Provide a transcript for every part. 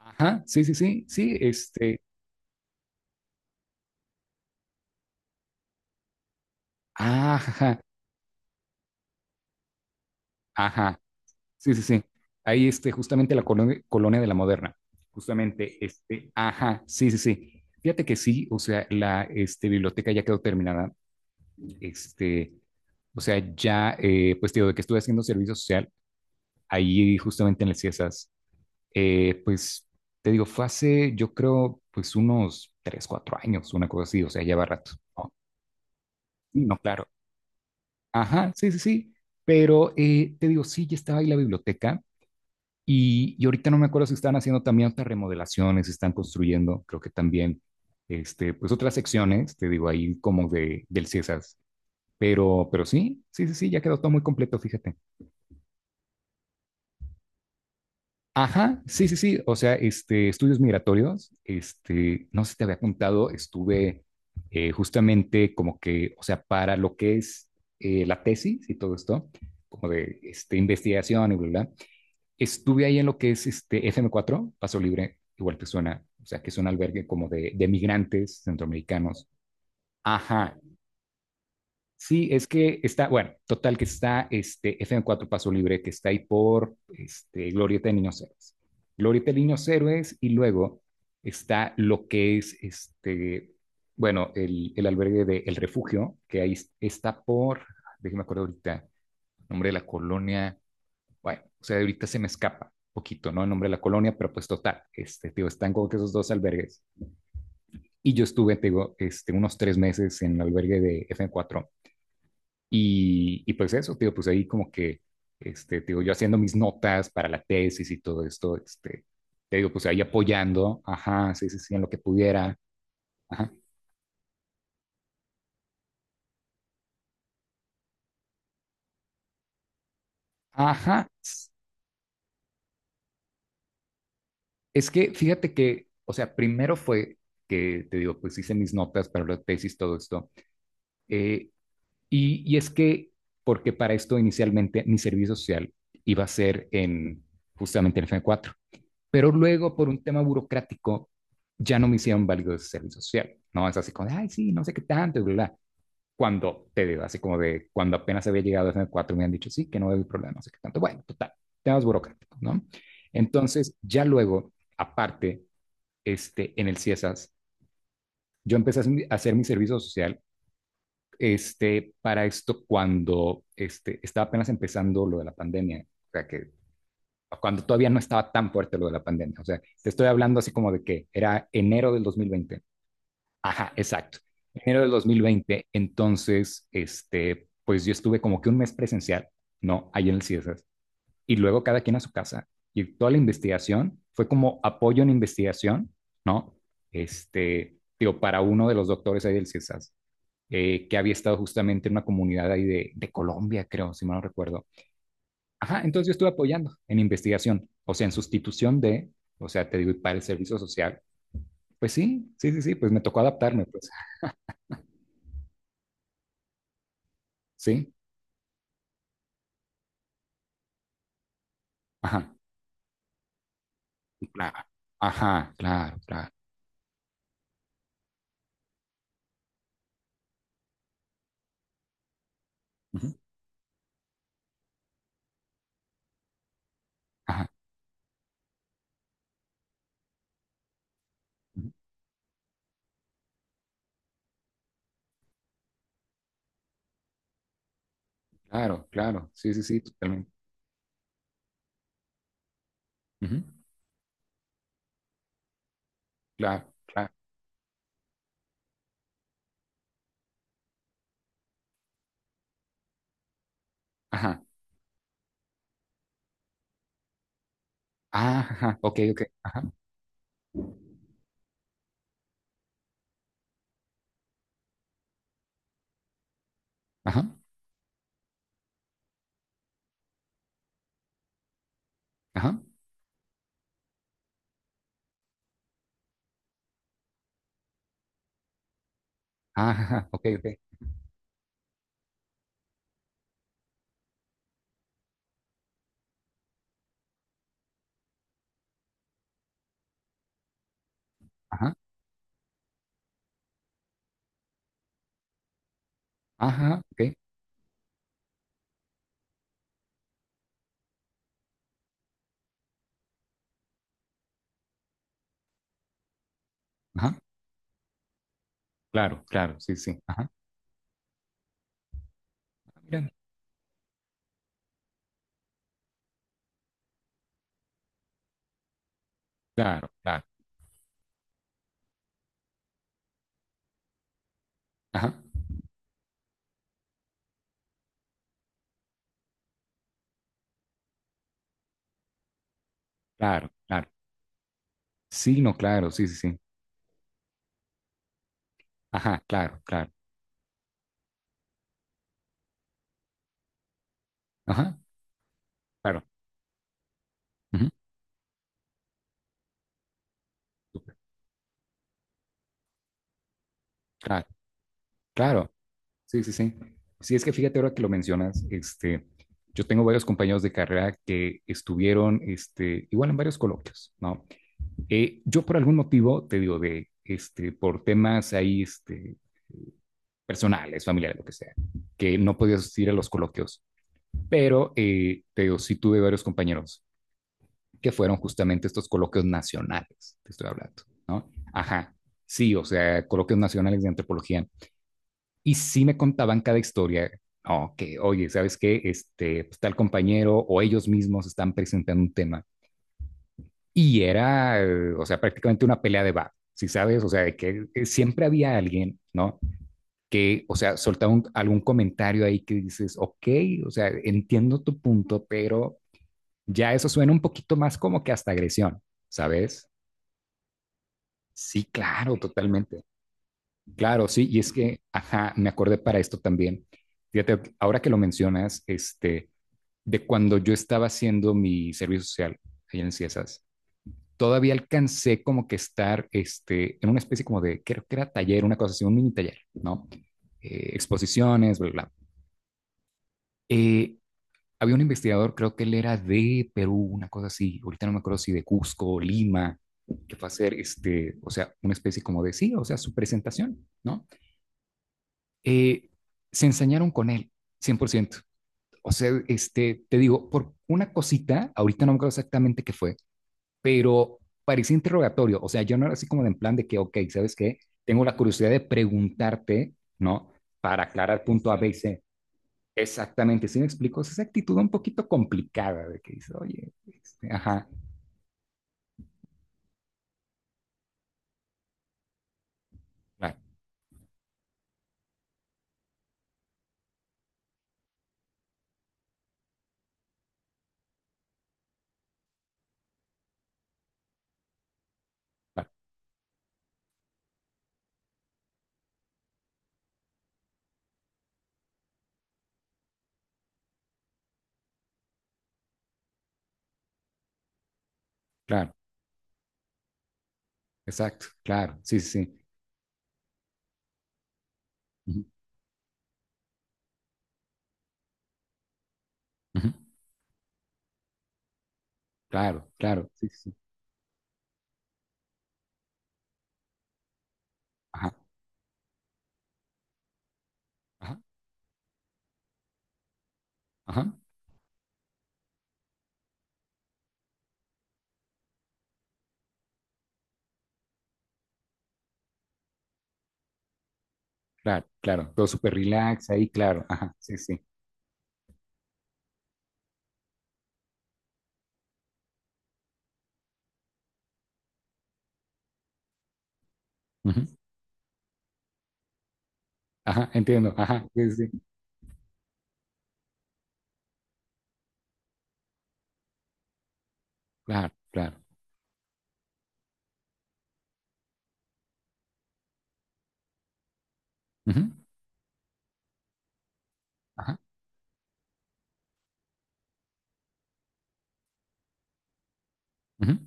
Ajá, sí, sí, sí, sí, ajá, ajá, sí, sí, sí. Ahí, justamente la colonia de la Moderna, justamente, ajá, sí, sí, sí. Fíjate que sí, o sea, la biblioteca ya quedó terminada. Este, O sea, ya, pues te digo, de que estuve haciendo servicio social, ahí justamente en el CIESAS, pues te digo, fue hace, yo creo, pues unos 3, 4 años, una cosa así, o sea, lleva rato. No, sí, no, claro. Ajá, sí, sí, sí. Pero te digo, sí, ya estaba ahí la biblioteca y ahorita no me acuerdo si están haciendo también otras remodelaciones, si están construyendo, creo que también, pues otras secciones, te digo, ahí como de, del CIESAS. Pero sí, sí, sí, sí, ya quedó todo muy completo, fíjate. Ajá, sí, sí, sí. O sea, estudios migratorios, no sé si te había contado, estuve justamente como que, o sea, para lo que es la tesis y todo esto, como de investigación y bla, bla, bla, estuve ahí en lo que es este FM4, Paso Libre, igual te suena, o sea, que es un albergue como de migrantes centroamericanos. Ajá, sí, es que está, bueno, total que está este F fm cuatro Paso Libre, que está ahí por Glorieta de Niños Héroes. Glorieta de Niños Héroes y luego está lo que es bueno, el albergue de El Refugio, que ahí está por, déjeme acuerdo ahorita, nombre de la colonia, bueno, o sea, ahorita se me escapa poquito, ¿no? El nombre de la colonia, pero pues total, tío, están como que esos dos albergues. Y yo estuve, te digo, unos 3 meses en el albergue de F fm cuatro y pues eso, tío, pues ahí como que, te digo, yo haciendo mis notas para la tesis y todo esto, te digo, pues ahí apoyando, ajá, sí, sí, sí, en lo que pudiera, ajá. Ajá, es que fíjate que, o sea, primero fue que, te digo, pues hice mis notas para la tesis, todo esto, eh, y es que, porque para esto inicialmente mi servicio social iba a ser en, justamente en FM4. Pero luego, por un tema burocrático, ya no me hicieron válido ese servicio social. No es así como, de, ay, sí, no sé qué tanto, bla, bla. Cuando te digo, así como de cuando apenas había llegado a FM4, me han dicho, sí, que no hay problema, no sé qué tanto. Bueno, total, temas burocráticos, ¿no? Entonces, ya luego, aparte, en el CIESAS, yo empecé a hacer mi servicio social, para esto cuando estaba apenas empezando lo de la pandemia. O sea, que cuando todavía no estaba tan fuerte lo de la pandemia. O sea, te estoy hablando así como de que era enero del 2020. Ajá, exacto. Enero del 2020. Entonces, pues yo estuve como que un mes presencial, ¿no? Ahí en el CIESAS. Y luego cada quien a su casa. Y toda la investigación fue como apoyo en investigación, ¿no? Digo, para uno de los doctores ahí del CIESAS, que había estado justamente en una comunidad ahí de Colombia, creo, si mal no recuerdo. Ajá, entonces yo estuve apoyando en investigación, o sea, en sustitución de, o sea, te digo, y para el servicio social. Pues sí, sí, sí, sí, pues me tocó adaptarme, pues. Sí, ajá, claro, ajá, claro, claro. Ujú, ajá, ujú, claro, claro, sí, sí, sí, totalmente. Ujú, claro, claro, ajá, ah, ajá, ok, ok, ajá, ajá, ajá, ah, ajá, ok, ok, ajá, ajá, ok, ajá, claro, claro, sí, sí, ajá, ah, mira, claro, claro, ajá, claro, claro, sí, no, claro, sí, sí, sí. Ajá, claro, claro. Ajá, claro. Ujú, súper, claro, claro. Sí, sí, sí. Sí, es que fíjate ahora que lo mencionas, yo tengo varios compañeros de carrera que estuvieron, igual en varios coloquios, ¿no? Yo por algún motivo, te digo, de, por temas ahí, personales, familiares, lo que sea, que no podía asistir a los coloquios, pero, te digo, sí tuve varios compañeros que fueron justamente estos coloquios nacionales, te estoy hablando, ¿no? Ajá, sí, o sea, coloquios nacionales de antropología. Y sí me contaban cada historia, no, que, oye, ¿sabes qué? Pues, tal compañero o ellos mismos están presentando un tema. Y era, o sea, prácticamente una pelea de bar, si sabes, o sea, de que siempre había alguien, ¿no? Que, o sea, soltaba algún comentario ahí que dices, ok, o sea, entiendo tu punto, pero ya eso suena un poquito más como que hasta agresión, ¿sabes? Sí, claro, totalmente. Claro, sí, y es que, ajá, me acordé para esto también. Fíjate, ahora que lo mencionas, de cuando yo estaba haciendo mi servicio social ahí en CIESAS, todavía alcancé como que estar, en una especie como de, creo que era taller, una cosa así, un mini taller, ¿no? Exposiciones, bla, bla. Eh, había un investigador, creo que él era de Perú, una cosa así, ahorita no me acuerdo si de Cusco, o Lima, que fue a hacer, o sea, una especie como de, sí, o sea, su presentación, ¿no? eh, se ensañaron con él, 100%. O sea, te digo, por una cosita, ahorita no me acuerdo exactamente qué fue, pero parecía interrogatorio. O sea, yo no era así como de en plan de que, ok, ¿sabes qué? Tengo la curiosidad de preguntarte, ¿no? Para aclarar punto A, B y C. Exactamente, ¿sí me explico? Es esa actitud un poquito complicada de que dice, oye, ajá, claro, claro, claro, exacto, claro, sí, sí, sí, ujú, ujú, claro, claro, sí, sí, sí, ajá, ajá, ajá, claro, claro, todo súper relax ahí, claro, ajá, sí, sí. Ujú, ajá, entiendo, ajá, sí, sí, sí, claro, claro. Ujú, ajá, ujú,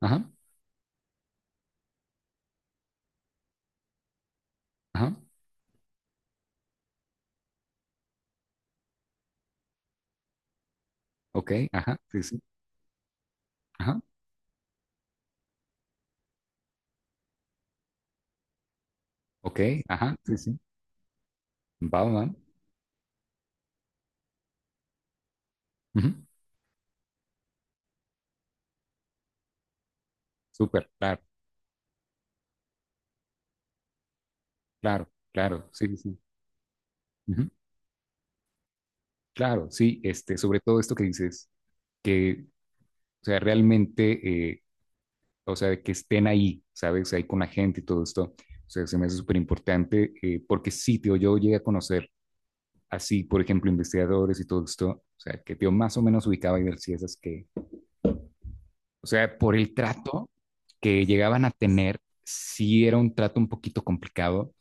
ajá, ajá, ok, ajá, sí, sí, ajá, ok, ajá, sí, sí, va, va, ujú, súper, claro, claro, claro, sí, sí, sí, ujú, claro, sí, sobre todo esto que dices, que, o sea, realmente, o sea, que estén ahí, ¿sabes? Ahí con la gente y todo esto, o sea, se me hace súper importante, porque sí, tío, yo llegué a conocer así, por ejemplo, investigadores y todo esto, o sea, que yo más o menos ubicaba y ver si esas que, o sea, por el trato que llegaban a tener, sí era un trato un poquito complicado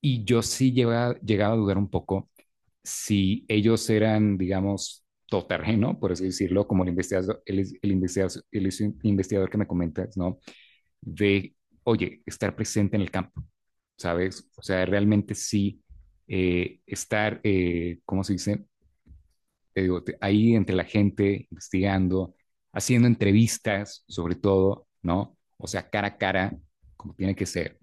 y yo sí llegaba a dudar un poco si ellos eran, digamos, todoterreno, por así decirlo, como el investigador, el investigador, el investigador que me comentas, ¿no? De, oye, estar presente en el campo, ¿sabes? O sea, realmente sí estar, ¿cómo se dice? Te digo, ahí entre la gente, investigando, haciendo entrevistas, sobre todo, ¿no? O sea, cara a cara, como tiene que ser.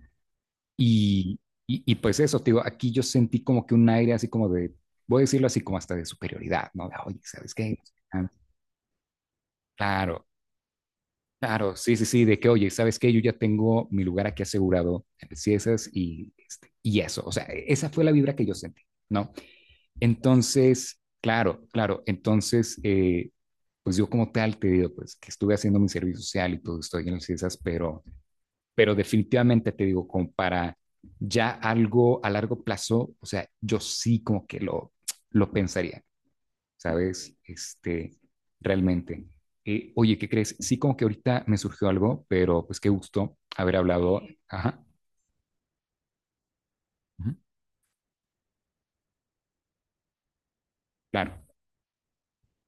Y, y pues eso, te digo, aquí yo sentí como que un aire así como de, voy a decirlo así como hasta de superioridad, ¿no? De, oye, ¿sabes qué? Ah, claro, claro, sí, sí, sí, de que, oye, ¿sabes qué? Yo ya tengo mi lugar aquí asegurado en el CIESAS y, y eso, o sea, esa fue la vibra que yo sentí, ¿no? Entonces, claro, claro, entonces, pues yo como tal te digo, pues que estuve haciendo mi servicio social y todo estoy en las ciencias, pero definitivamente te digo, como para ya algo a largo plazo, o sea, yo sí como que lo pensaría, ¿sabes? Realmente. Oye, ¿qué crees? Sí, como que ahorita me surgió algo, pero pues qué gusto haber hablado. Ajá, ujú, claro,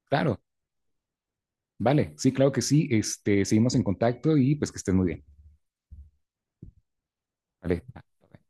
claro, vale, sí, claro que sí. Seguimos en contacto y pues que estés muy bien. Vale. Vale.